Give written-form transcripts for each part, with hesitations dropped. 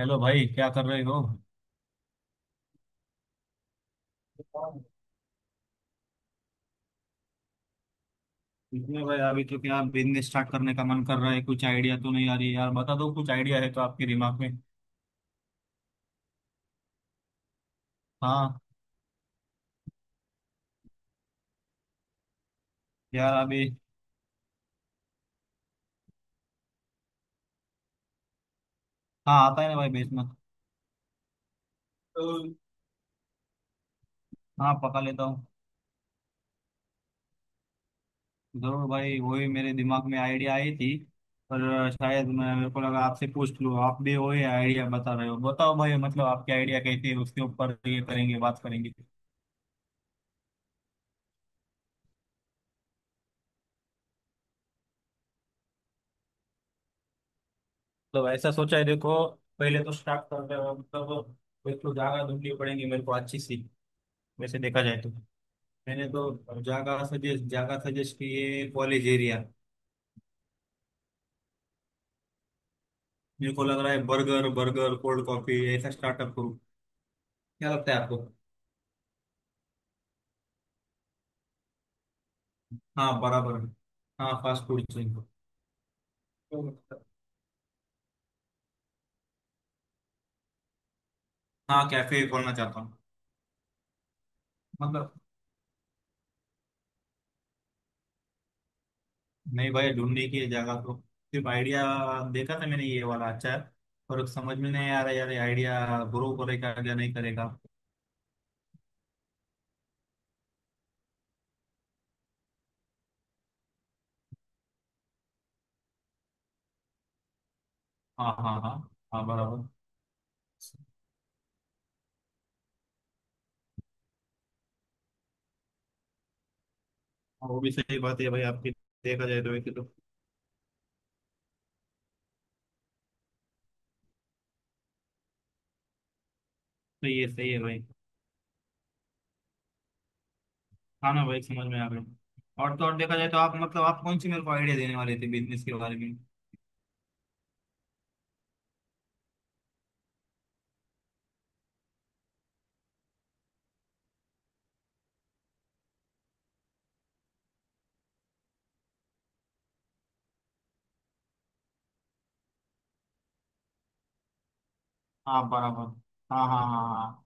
Hello भाई, क्या कर रहे हो? इसमें भाई, अभी तो क्या बिजनेस स्टार्ट करने का मन कर रहा है। कुछ आइडिया तो नहीं आ रही यार, बता दो कुछ आइडिया है तो आपके दिमाग में। हाँ। यार अभी। हाँ, आता है ना भाई बेचना। हाँ पका लेता हूँ। जरूर भाई, वही मेरे दिमाग में आइडिया आई थी। पर शायद मैं, मेरे को लगा आपसे पूछ लूँ। आप भी वही आइडिया बता रहे हो। बताओ भाई, मतलब आपके आइडिया कैसे है उसके ऊपर ये करेंगे, बात करेंगे। तो ऐसा सोचा है देखो, पहले तो स्टार्ट कर रहे हो मतलब एक तो जगह ढूंढनी पड़ेगी मेरे को अच्छी सी। वैसे देखा जाए तो मैंने तो जगह सजेस्ट की है, कॉलेज एरिया। मेरे को लग रहा है बर्गर बर्गर कोल्ड कॉफी ऐसा स्टार्टअप करूँ। क्या लगता है आपको? हाँ बराबर है। हाँ फास्ट फूड चेन को। हाँ कैफे खोलना चाहता हूँ। मतलब। नहीं भाई, ढूंढने की है जगह तो। सिर्फ आइडिया देखा था मैंने, ये वाला अच्छा है। पर समझ में नहीं आ रहा यार, आइडिया ग्रो करेगा या नहीं करेगा। हाँ हाँ हाँ। हाँ बराबर। हाँ, वो भी सही बात है भाई आपकी। देखा जाए तो वैसे तो। सही है भाई। हाँ ना भाई, समझ में आ गई। और तो और देखा जाए तो आप मतलब आप कौन सी मेरे को आइडिया देने वाले थे बिजनेस के बारे में? हाँ बराबर। हाँ हाँ हाँ हाँ।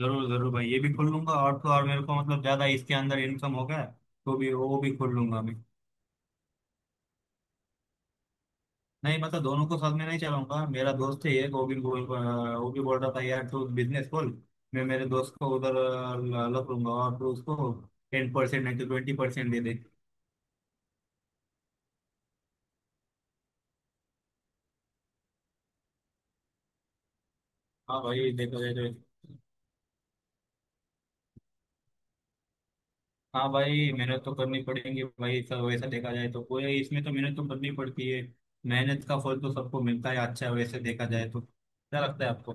जरूर जरूर भाई, ये भी खोल लूंगा। और तो और मेरे को मतलब ज्यादा इसके अंदर इनकम होगा तो भी वो भी खोल लूंगा मैं। नहीं, मतलब दोनों को साथ में नहीं चलाऊंगा। मेरा दोस्त है एक, वो भी वो भी बोल रहा था यार, तू बिजनेस खोल। मैं मेरे दोस्त को उधर लग लूंगा, और तू उसको 10% नहीं तो 20% दे दे। हाँ भाई देखा जाए तो। हाँ भाई, मेहनत तो करनी पड़ेगी भाई सब, वैसा देखा जाए तो कोई इसमें तो मेहनत तो करनी पड़ती है। मेहनत का फल तो सबको मिलता है, अच्छा है। वैसे देखा जाए तो, क्या लगता है आपको?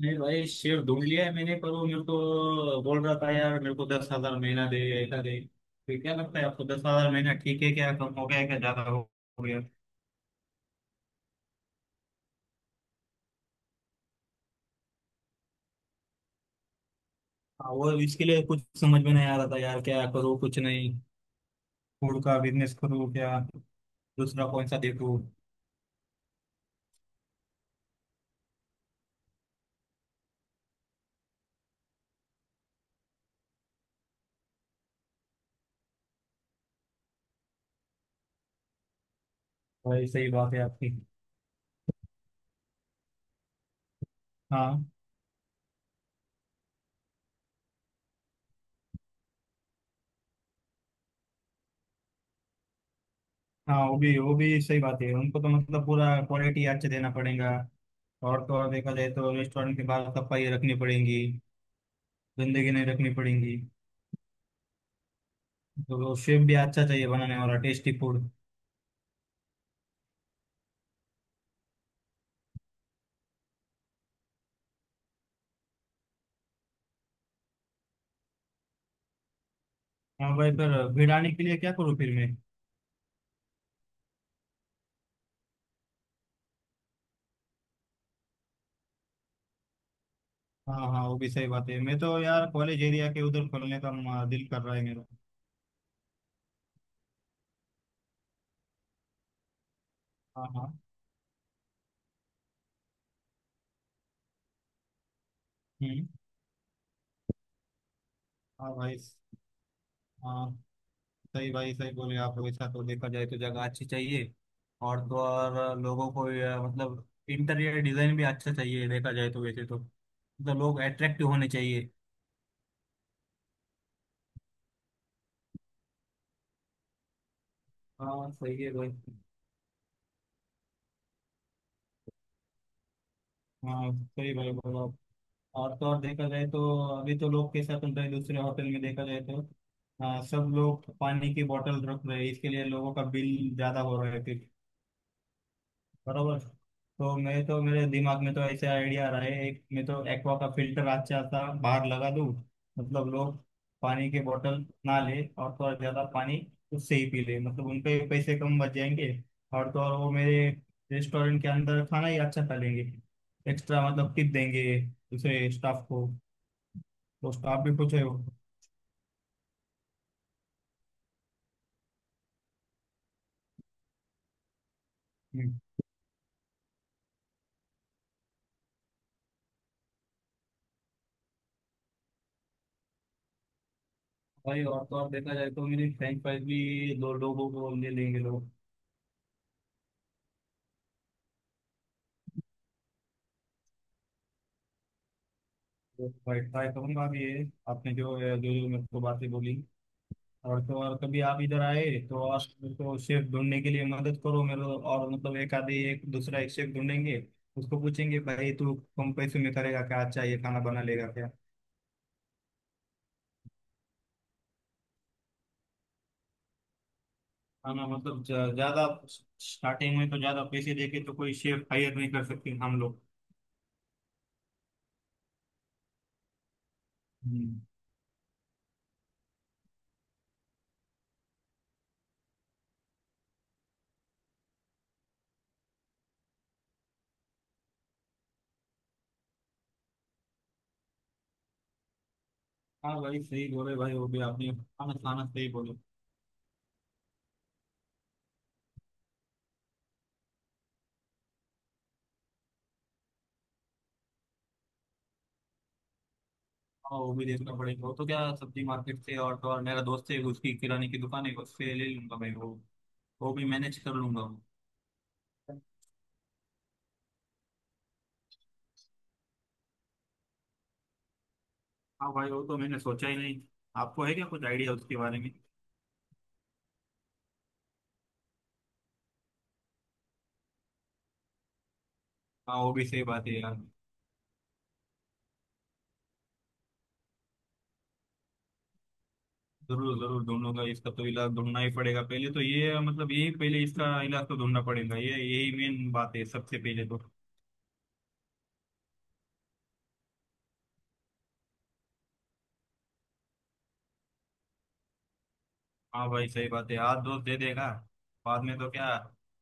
नहीं भाई, शेर ढूंढ लिया है मैंने। पर वो मेरे को बोल रहा था यार, मेरे को 10,000 महीना दे ऐसा दे। तो क्या लगता है आपको? 10,000 महीना ठीक है क्या? कम हो गया है, क्या ज्यादा हो गया? हाँ वो इसके लिए कुछ समझ में नहीं आ रहा था यार, क्या करूँ कुछ नहीं। फूड का बिजनेस करूँ क्या? दूसरा कौन सा देखूँ? भाई सही बात है आपकी। हाँ हाँ, वो भी सही बात है। उनको तो मतलब पूरा क्वालिटी अच्छे देना पड़ेगा। और तो और देखा जाए तो रेस्टोरेंट के बाहर सफाई रखनी पड़ेगी, गंदगी नहीं रखनी पड़ेगी। तो शेफ भी अच्छा चाहिए बनाने वाला टेस्टी फूड। हाँ भाई, पर भीड़ आने के लिए क्या करूँ फिर मैं? हाँ हाँ, वो भी सही बात है। मैं तो यार कॉलेज एरिया के उधर करने का दिल कर रहा है मेरा। हाँ हाँ। हम्म। हाँ भाई। हाँ सही भाई, सही बोले आप। वैसा तो देखा जाए तो जगह अच्छी चाहिए। और तो और लोगों को ये, मतलब इंटीरियर डिजाइन भी अच्छा चाहिए। देखा जाए तो वैसे तो मतलब लोग अट्रैक्टिव होने चाहिए। हाँ सही है भाई। हाँ सही भाई बोला आप। और तो और देखा जाए तो अभी तो लोग कैसा चल रहा है दूसरे होटल में, देखा जाए तो हाँ सब लोग पानी की बोतल रख रहे हैं। इसके लिए लोगों का बिल ज्यादा हो रहा है। बरोबर। तो मैं तो मेरे दिमाग में तो ऐसे आइडिया रहा है एक, मैं तो एक्वा का फिल्टर अच्छा सा बाहर लगा दूं। मतलब लोग पानी के बोतल ना ले, और थोड़ा ज्यादा पानी उससे ही पी ले। मतलब उनके पैसे कम बच जाएंगे, और तो और वो मेरे रेस्टोरेंट के अंदर खाना ही अच्छा खा लेंगे। एक्स्ट्रा मतलब टिप देंगे दूसरे स्टाफ को, तो स्टाफ भी खुश है वो। हम्म। भाई और तो और देखा जाए तो मेरी फ्रेंच फ्राइज भी दो लोगों को ले लेंगे लोग। तो भाई ट्राई करूंगा भी ये। आपने जो जो जो मेरे को बातें बोली। और तो और कभी आप इधर आए तो आप मेरे को शेफ ढूंढने के लिए मदद करो मेरे को, और मतलब एक आधे एक दूसरा एक शेफ ढूंढेंगे। उसको पूछेंगे भाई, तू कम पैसे में करेगा क्या? अच्छा ये खाना बना लेगा क्या? खाना मतलब ज्यादा, स्टार्टिंग में तो ज्यादा पैसे देके तो कोई शेफ हायर नहीं कर सकते हम लोग। हम्म। हाँ भाई सही बोले भाई, वो भी आपने खाना खाना सही बोले। हाँ वो भी देखना पड़ेगा। वो तो क्या सब्जी मार्केट से, और तो और मेरा दोस्त है उसकी किराने की दुकान है उससे ले लूंगा भाई। वो भी मैनेज कर लूंगा वो। हाँ भाई वो तो मैंने सोचा ही नहीं। आपको है क्या कुछ आइडिया उसके बारे में? हाँ वो भी सही बात है यार। जरूर जरूर ढूंढूंगा, इसका तो इलाज ढूंढना ही पड़ेगा। पहले तो ये, मतलब ये पहले इसका इलाज तो ढूंढना पड़ेगा। ये यही मेन बात है सबसे पहले तो। हाँ भाई सही बात है, आज दोस्त दे देगा, बाद में तो क्या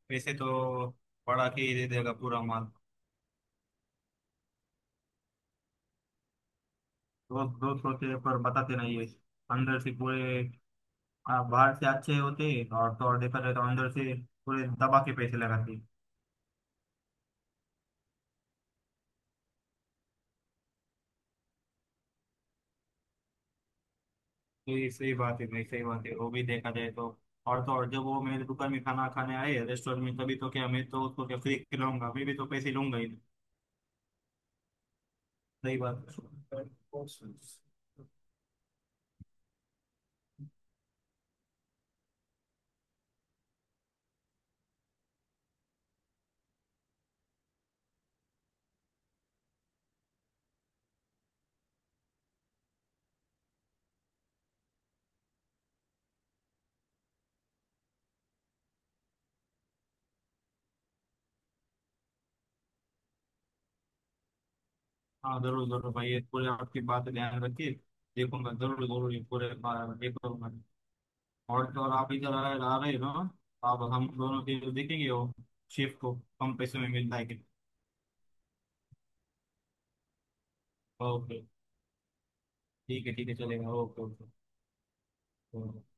पैसे तो बढ़ा के ही दे देगा पूरा माल। दोस्त दोस्त होते हैं पर बताते नहीं है। अंदर से पूरे, बाहर से अच्छे होते हैं। और तो और देखा जाए तो अंदर से पूरे दबा के पैसे लगाते हैं। तो ये सही बात है भाई, सही बात है। वो भी देखा जाए तो और जब वो मेरे दुकान में खाना खाने आए रेस्टोरेंट में, तभी तो क्या मैं तो उसको क्या फ्री खिलाऊंगा? मैं भी तो पैसे लूंगा ही। सही बात है। हाँ जरूर जरूर भाई, ये पूरे आपकी बात ध्यान रखिए। देखूंगा जरूर जरूर ये पूरे, ये करूंगा। और तो और आप इधर आ रहे हो ना, आप हम दोनों के जो देखेंगे वो शिफ्ट को कम पैसे में मिलता है कि। ओके ठीक है। ठीक है चलेगा। Okay okay.